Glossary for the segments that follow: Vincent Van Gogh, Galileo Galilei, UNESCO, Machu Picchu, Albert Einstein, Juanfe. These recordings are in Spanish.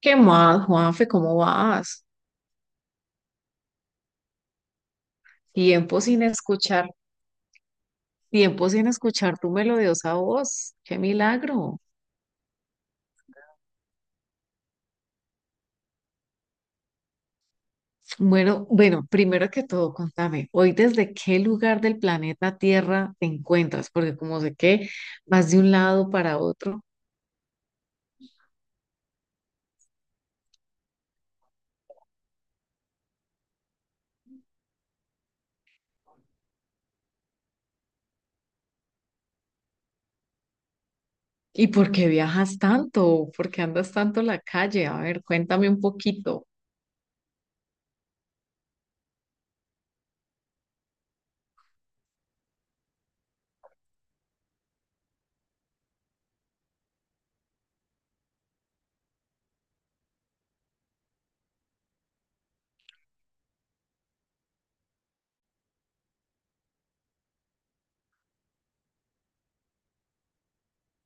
¿Qué más, Juanfe? ¿Cómo vas? Tiempo sin escuchar, tiempo sin escuchar tu melodiosa voz. ¡Qué milagro! Bueno, primero que todo, contame, hoy desde qué lugar del planeta Tierra te encuentras, porque como sé que vas de un lado para otro. ¿Y por qué viajas tanto? ¿Por qué andas tanto en la calle? A ver, cuéntame un poquito.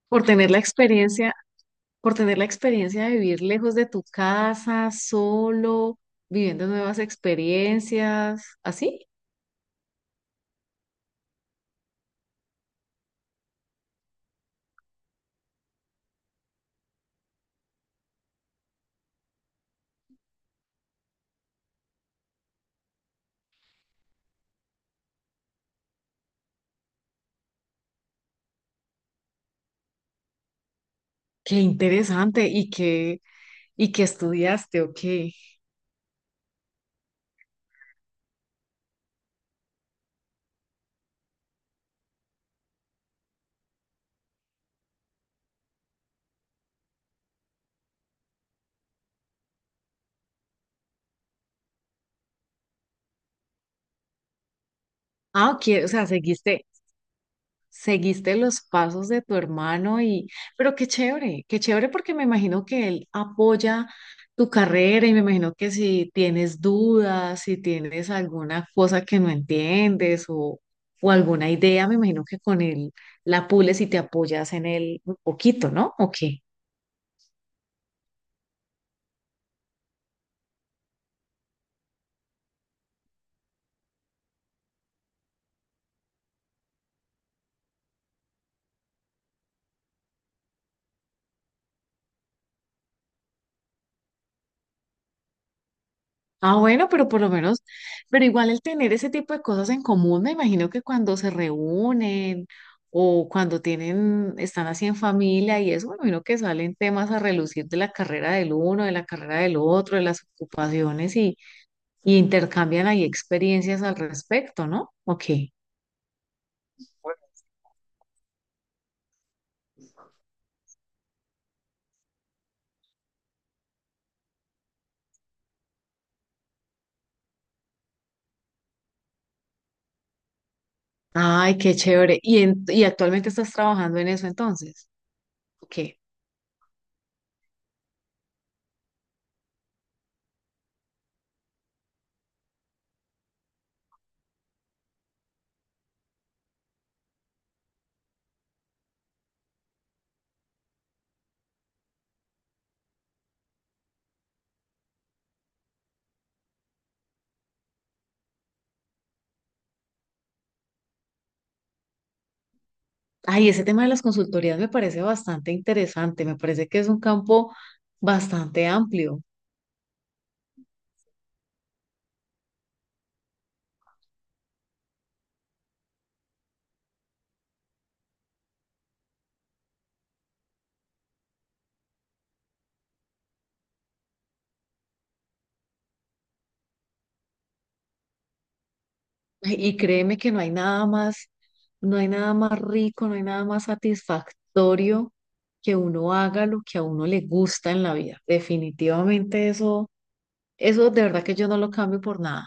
¿Por tener la experiencia por tener la experiencia de vivir lejos de tu casa, solo, viviendo nuevas experiencias, así? Qué interesante. ¿Y qué estudiaste o qué? Ah, ok, o sea, seguiste los pasos de tu hermano. Y, pero qué chévere, qué chévere, porque me imagino que él apoya tu carrera y me imagino que si tienes dudas, si tienes alguna cosa que no entiendes o alguna idea, me imagino que con él la pules y te apoyas en él un poquito, ¿no? Ok. Ah, bueno, pero por lo menos, pero igual el tener ese tipo de cosas en común, me imagino que cuando se reúnen o cuando tienen, están así en familia y eso, me imagino que salen temas a relucir de la carrera del uno, de la carrera del otro, de las ocupaciones, y intercambian ahí experiencias al respecto, ¿no? Ok. Ay, qué chévere. ¿ Y actualmente estás trabajando en eso entonces? Ok. Ay, ese tema de las consultorías me parece bastante interesante, me parece que es un campo bastante amplio. Y créeme que no hay nada más, no hay nada más rico, no hay nada más satisfactorio que uno haga lo que a uno le gusta en la vida. Definitivamente eso, eso de verdad que yo no lo cambio por nada.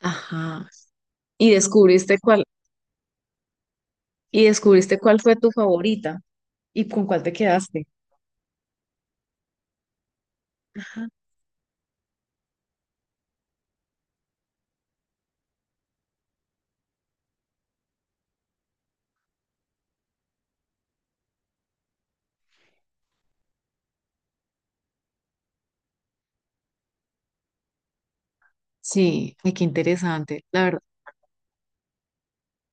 Ajá. Y descubriste cuál, y descubriste cuál fue tu favorita y con cuál te quedaste. Ajá. Sí, y qué interesante. La verdad,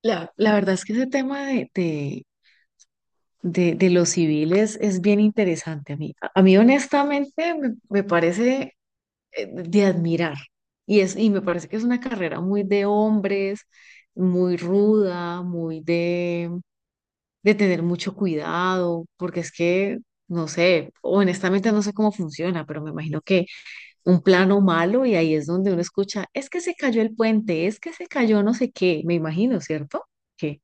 la, la verdad es que ese tema de los civiles es bien interesante a mí, honestamente, me parece, de admirar. Y es, y me parece que es una carrera muy de hombres, muy ruda, muy de tener mucho cuidado, porque es que, no sé, honestamente no sé cómo funciona, pero me imagino que un plano malo y ahí es donde uno escucha, es que se cayó el puente, es que se cayó no sé qué, me imagino, ¿cierto? Que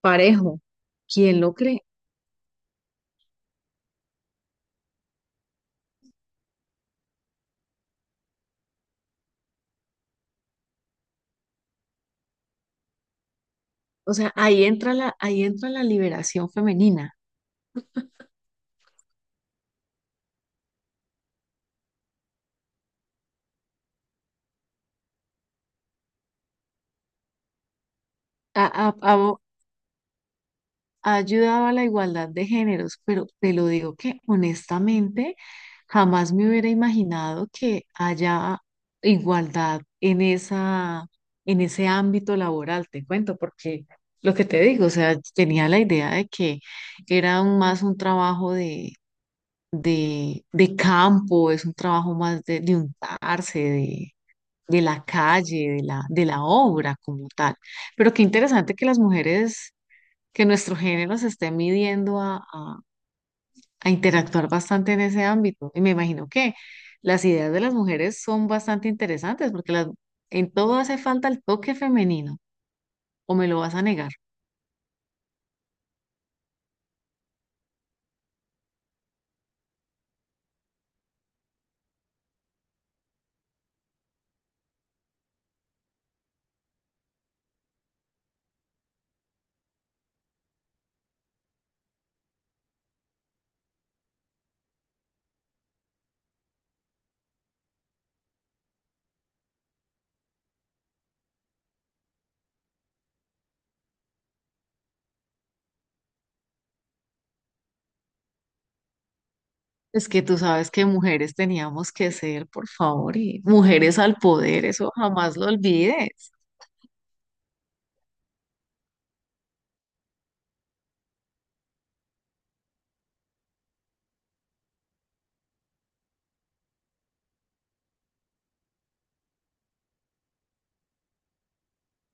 parejo, quién lo cree? O sea, ahí entra la liberación femenina. A, a- a- Ha ayudado a la igualdad de géneros, pero te lo digo que honestamente jamás me hubiera imaginado que haya igualdad en esa, en ese ámbito laboral, te cuento, porque lo que te digo, o sea, tenía la idea de que era un- más un trabajo de campo, es un trabajo más de untarse, de, de la calle, de la obra como tal. Pero qué interesante que las mujeres, que nuestro género se esté midiendo a interactuar bastante en ese ámbito. Y me imagino que las ideas de las mujeres son bastante interesantes porque las, en todo hace falta el toque femenino, o me lo vas a negar. Es que tú sabes que mujeres teníamos que ser, por favor, y mujeres al poder, eso jamás lo olvides.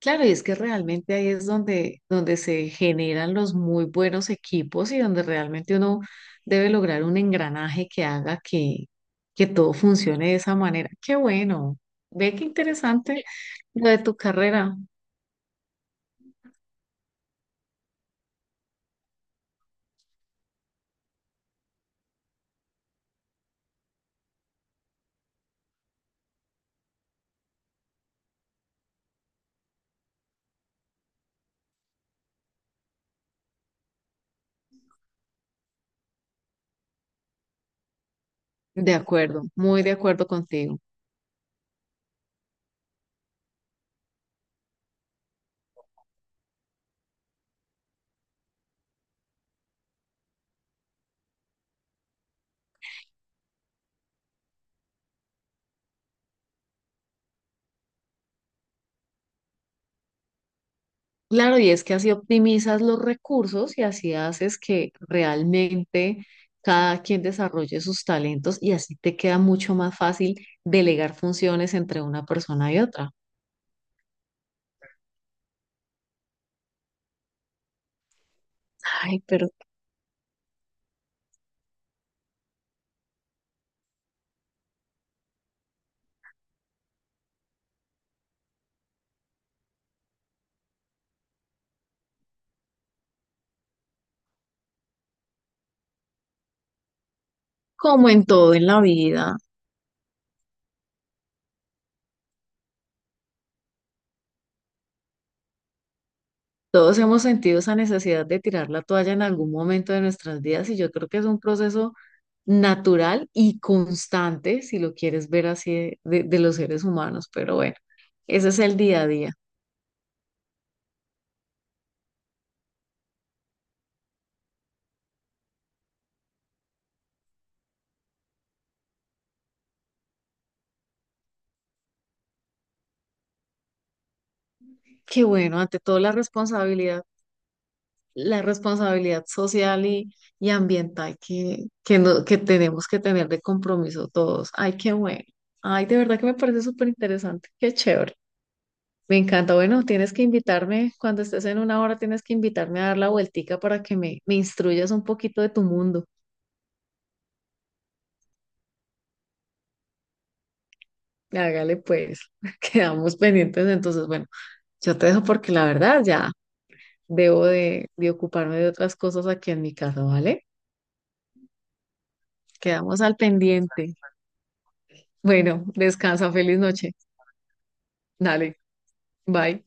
Claro, y es que realmente ahí es donde, donde se generan los muy buenos equipos y donde realmente uno debe lograr un engranaje que haga que todo funcione de esa manera. Qué bueno. Ve qué interesante lo de tu carrera. De acuerdo, muy de acuerdo contigo. Claro, y es que así optimizas los recursos y así haces que realmente cada quien desarrolle sus talentos, y así te queda mucho más fácil delegar funciones entre una persona y otra. Ay, pero como en todo en la vida, todos hemos sentido esa necesidad de tirar la toalla en algún momento de nuestras vidas, y yo creo que es un proceso natural y constante, si lo quieres ver así, de los seres humanos, pero bueno, ese es el día a día. Qué bueno, ante todo la responsabilidad social y ambiental que, no- que tenemos que tener de compromiso todos. Ay, qué bueno. Ay, de verdad que me parece súper interesante. Qué chévere. Me encanta. Bueno, tienes que invitarme, cuando estés en una hora, tienes que invitarme a dar la vueltica para que me instruyas un poquito de tu mundo. Hágale pues, quedamos pendientes. Entonces, bueno, yo te dejo porque la verdad ya debo de ocuparme de otras cosas aquí en mi casa, ¿vale? Quedamos al pendiente. Bueno, descansa, feliz noche. Dale, bye.